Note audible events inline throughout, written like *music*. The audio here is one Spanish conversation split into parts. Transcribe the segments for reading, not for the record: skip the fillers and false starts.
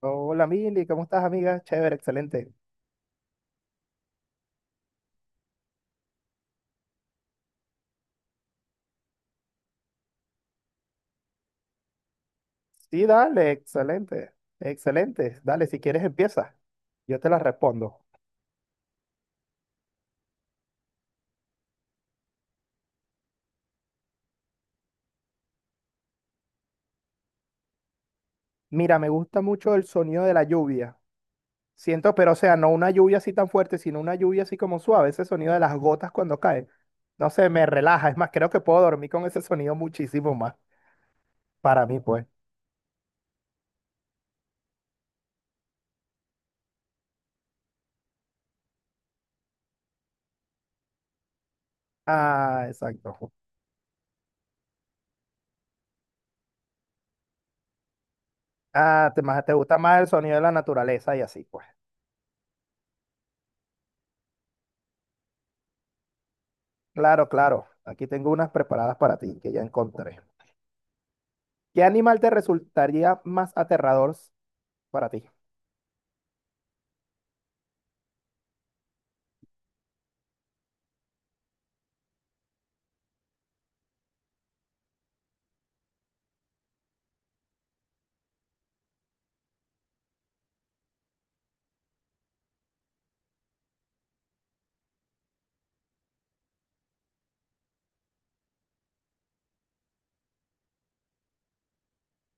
Hola Mili, ¿cómo estás amiga? Chévere, excelente. Sí, dale, excelente, excelente. Dale, si quieres empieza, yo te la respondo. Mira, me gusta mucho el sonido de la lluvia. Siento, pero o sea, no una lluvia así tan fuerte, sino una lluvia así como suave, ese sonido de las gotas cuando cae. No sé, me relaja, es más, creo que puedo dormir con ese sonido muchísimo más, para mí pues. Ah, exacto. Ah, te, más, te gusta más el sonido de la naturaleza y así pues. Claro, claro. Aquí tengo unas preparadas para ti que ya encontré. ¿Qué animal te resultaría más aterrador para ti?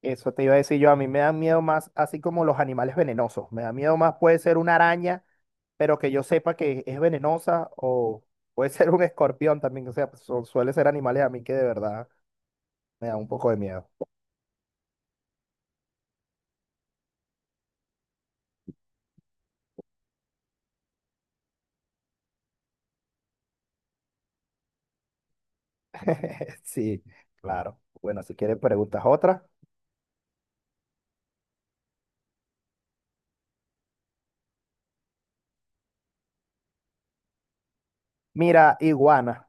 Eso te iba a decir yo. A mí me dan miedo más, así como los animales venenosos. Me da miedo más, puede ser una araña, pero que yo sepa que es venenosa, o puede ser un escorpión también. O sea, pues, son- suele ser animales a mí que de verdad me da un poco de miedo. *laughs* Sí, claro. Bueno, si quieres preguntas otra. Mira, iguana.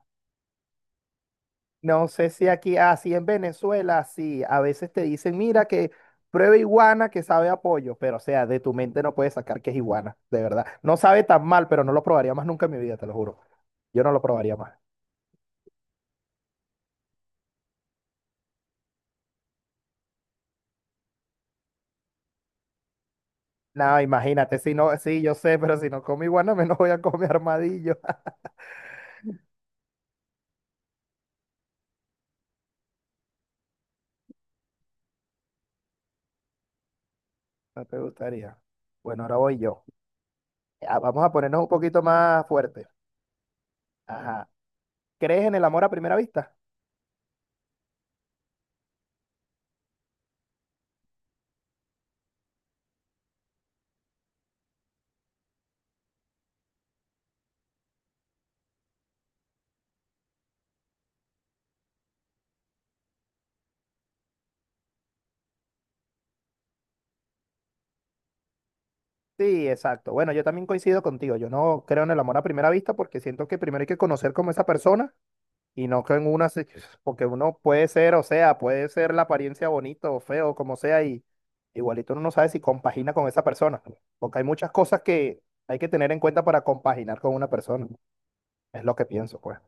No sé si aquí, así en Venezuela, sí, a veces te dicen, mira que prueba iguana que sabe a pollo, pero o sea, de tu mente no puedes sacar que es iguana, de verdad. No sabe tan mal, pero no lo probaría más nunca en mi vida, te lo juro. Yo no lo probaría más. No, imagínate, si no, sí, yo sé, pero si no como iguana, menos voy a comer armadillo. *laughs* No te gustaría. Bueno, ahora voy yo. Ah, vamos a ponernos un poquito más fuerte. Ajá. ¿Crees en el amor a primera vista? Sí, exacto. Bueno, yo también coincido contigo. Yo no creo en el amor a primera vista porque siento que primero hay que conocer como esa persona y no que en una, se- porque uno puede ser, o sea, puede ser la apariencia bonito o feo, como sea, y igualito uno no sabe si compagina con esa persona, porque hay muchas cosas que hay que tener en cuenta para compaginar con una persona. Es lo que pienso, pues.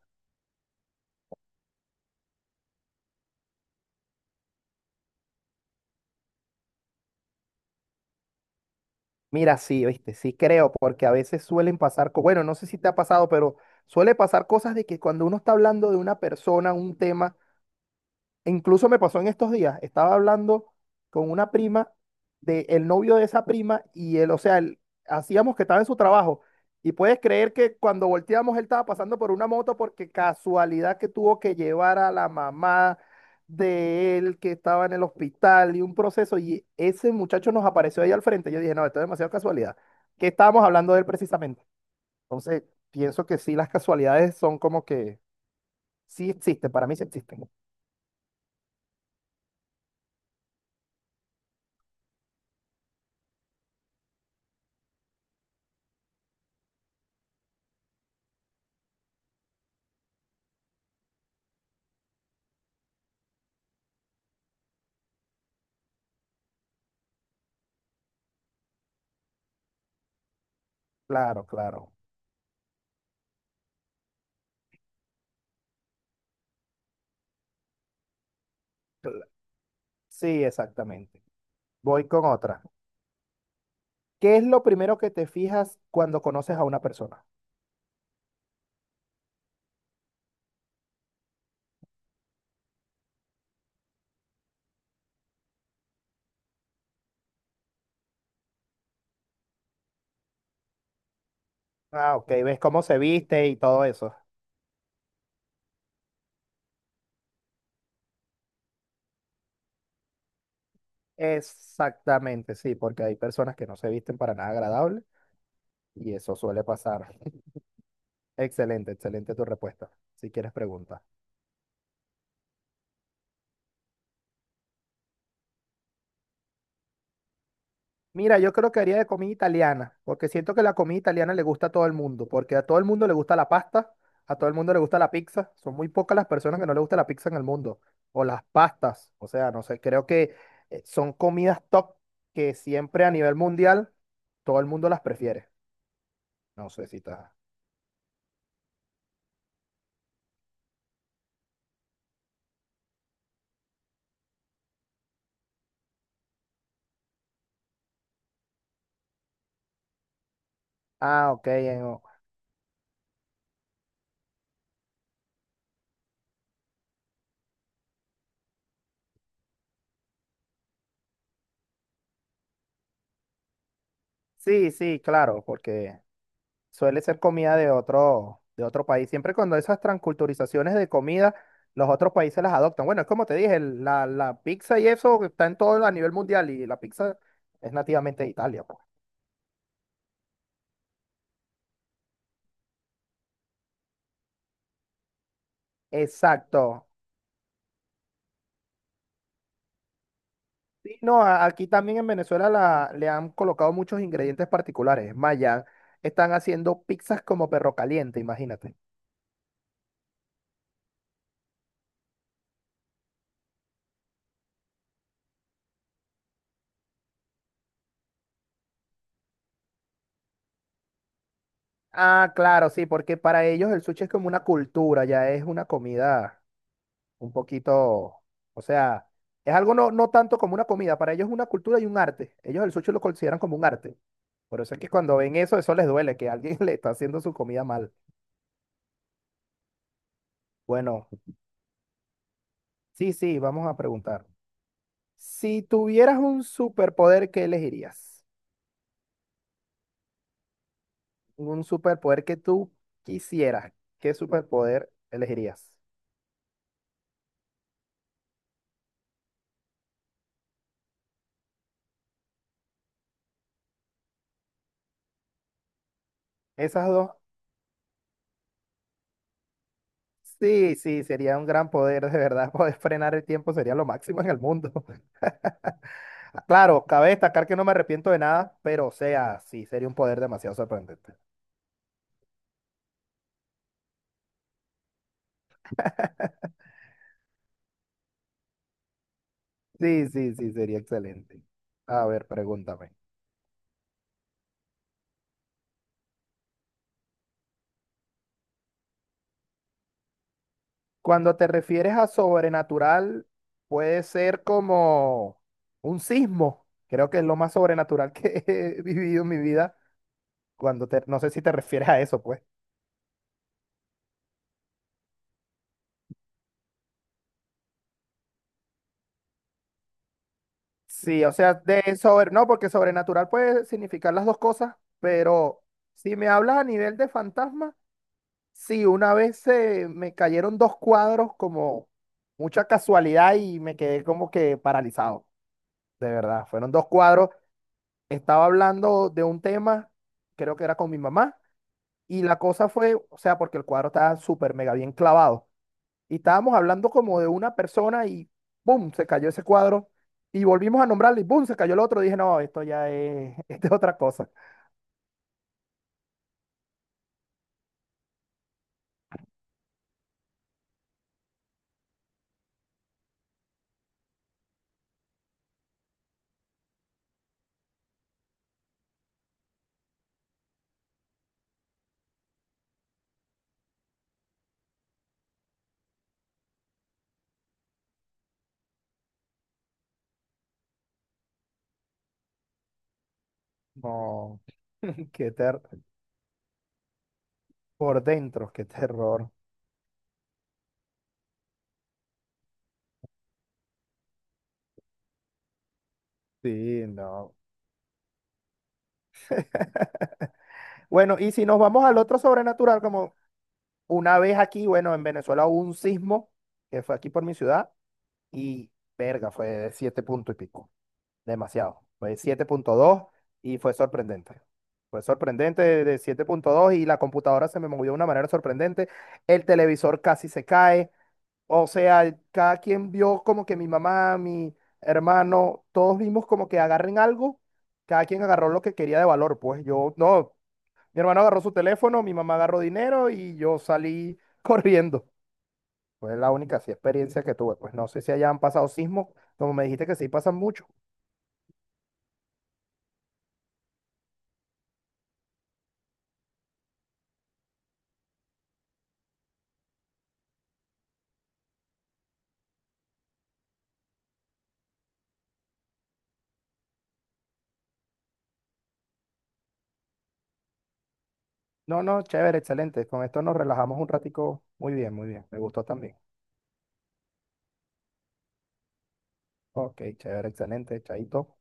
Mira, sí, viste, sí creo, porque a veces suelen pasar, co- bueno, no sé si te ha pasado, pero suele pasar cosas de que cuando uno está hablando de una persona, un tema, incluso me pasó en estos días, estaba hablando con una prima de el novio de esa prima y él, o sea, él- hacíamos que estaba en su trabajo y puedes creer que cuando volteamos él estaba pasando por una moto porque casualidad que tuvo que llevar a la mamá de él que estaba en el hospital y un proceso y ese muchacho nos apareció ahí al frente. Yo dije, no, esto es demasiada casualidad. ¿Qué estábamos hablando de él precisamente? Entonces, pienso que sí, las casualidades son como que sí existen, para mí sí existen. Claro, claro. Sí, exactamente. Voy con otra. ¿Qué es lo primero que te fijas cuando conoces a una persona? Ah, ok, ves cómo se viste y todo eso. Exactamente, sí, porque hay personas que no se visten para nada agradable y eso suele pasar. *laughs* Excelente, excelente tu respuesta. Si quieres pregunta. Mira, yo creo que haría de comida italiana, porque siento que la comida italiana le gusta a todo el mundo, porque a todo el mundo le gusta la pasta, a todo el mundo le gusta la pizza, son muy pocas las personas que no le gusta la pizza en el mundo, o las pastas, o sea, no sé, creo que son comidas top que siempre a nivel mundial todo el mundo las prefiere. No sé si está... Ah, ok. En- Sí, sí, claro, porque suele ser comida de otro país. Siempre cuando esas transculturizaciones de comida, los otros países las adoptan. Bueno, es como te dije, el- la pizza y eso está en todo a nivel mundial y la pizza es nativamente de Italia, pues. Exacto. Sí, no, a- aquí también en Venezuela la- le han colocado muchos ingredientes particulares. Es más, ya están haciendo pizzas como perro caliente, imagínate. Ah, claro, sí, porque para ellos el sushi es como una cultura, ya es una comida. Un poquito, o sea, es algo no, no tanto como una comida, para ellos es una cultura y un arte. Ellos el sushi lo consideran como un arte. Por eso es que cuando ven eso, eso les duele, que alguien *laughs* le está haciendo su comida mal. Bueno, sí, sí, vamos a preguntar. Si tuvieras un superpoder, ¿qué elegirías? Un superpoder que tú quisieras, ¿qué superpoder elegirías? Esas dos. Sí, sí, sería un gran poder, de verdad, *laughs* poder frenar el tiempo sería lo máximo en el mundo. Claro, cabe destacar que no me arrepiento de nada, pero o sea, sí, sería un poder demasiado sorprendente. Sí, sí, sí, sería excelente. A ver, pregúntame. Cuando te refieres a sobrenatural, puede ser como un sismo. Creo que es lo más sobrenatural que *laughs* he vivido en mi vida. Cuando te, no sé si te refieres a eso, pues. Sí, o sea, de sobre, no, porque sobrenatural puede significar las dos cosas, pero si me hablas a nivel de fantasma. Sí, una vez se me cayeron dos cuadros como mucha casualidad y me quedé como que paralizado, de verdad. Fueron dos cuadros. Estaba hablando de un tema, creo que era con mi mamá, y la cosa fue, o sea, porque el cuadro estaba súper mega bien clavado. Y estábamos hablando como de una persona y ¡boom! Se cayó ese cuadro. Y volvimos a nombrarlo y ¡boom! Se cayó el otro. Dije, no, esto ya es, *laughs* esto es otra cosa. No, *laughs* qué ter por dentro, qué terror. Sí, no. Bueno, y si nos vamos al otro sobrenatural, como una vez aquí, bueno, en Venezuela hubo un sismo que fue aquí por mi ciudad y verga, fue de 7 puntos y pico, demasiado, fue 7.2 y fue sorprendente. Fue sorprendente de 7.2 y la computadora se me movió de una manera sorprendente, el televisor casi se cae, o sea, cada quien vio como que mi mamá, mi hermano, todos vimos como que agarren algo, cada quien agarró lo que quería de valor, pues yo no, mi hermano agarró su teléfono, mi mamá agarró dinero y yo salí *laughs* corriendo. Fue la única así, experiencia que tuve. Pues no sé si hayan pasado sismos, como me dijiste que sí pasan mucho. No, no, chévere, excelente. Con esto nos relajamos un ratico. Muy bien, muy bien. Me gustó también. Ok, chévere, excelente, chaito.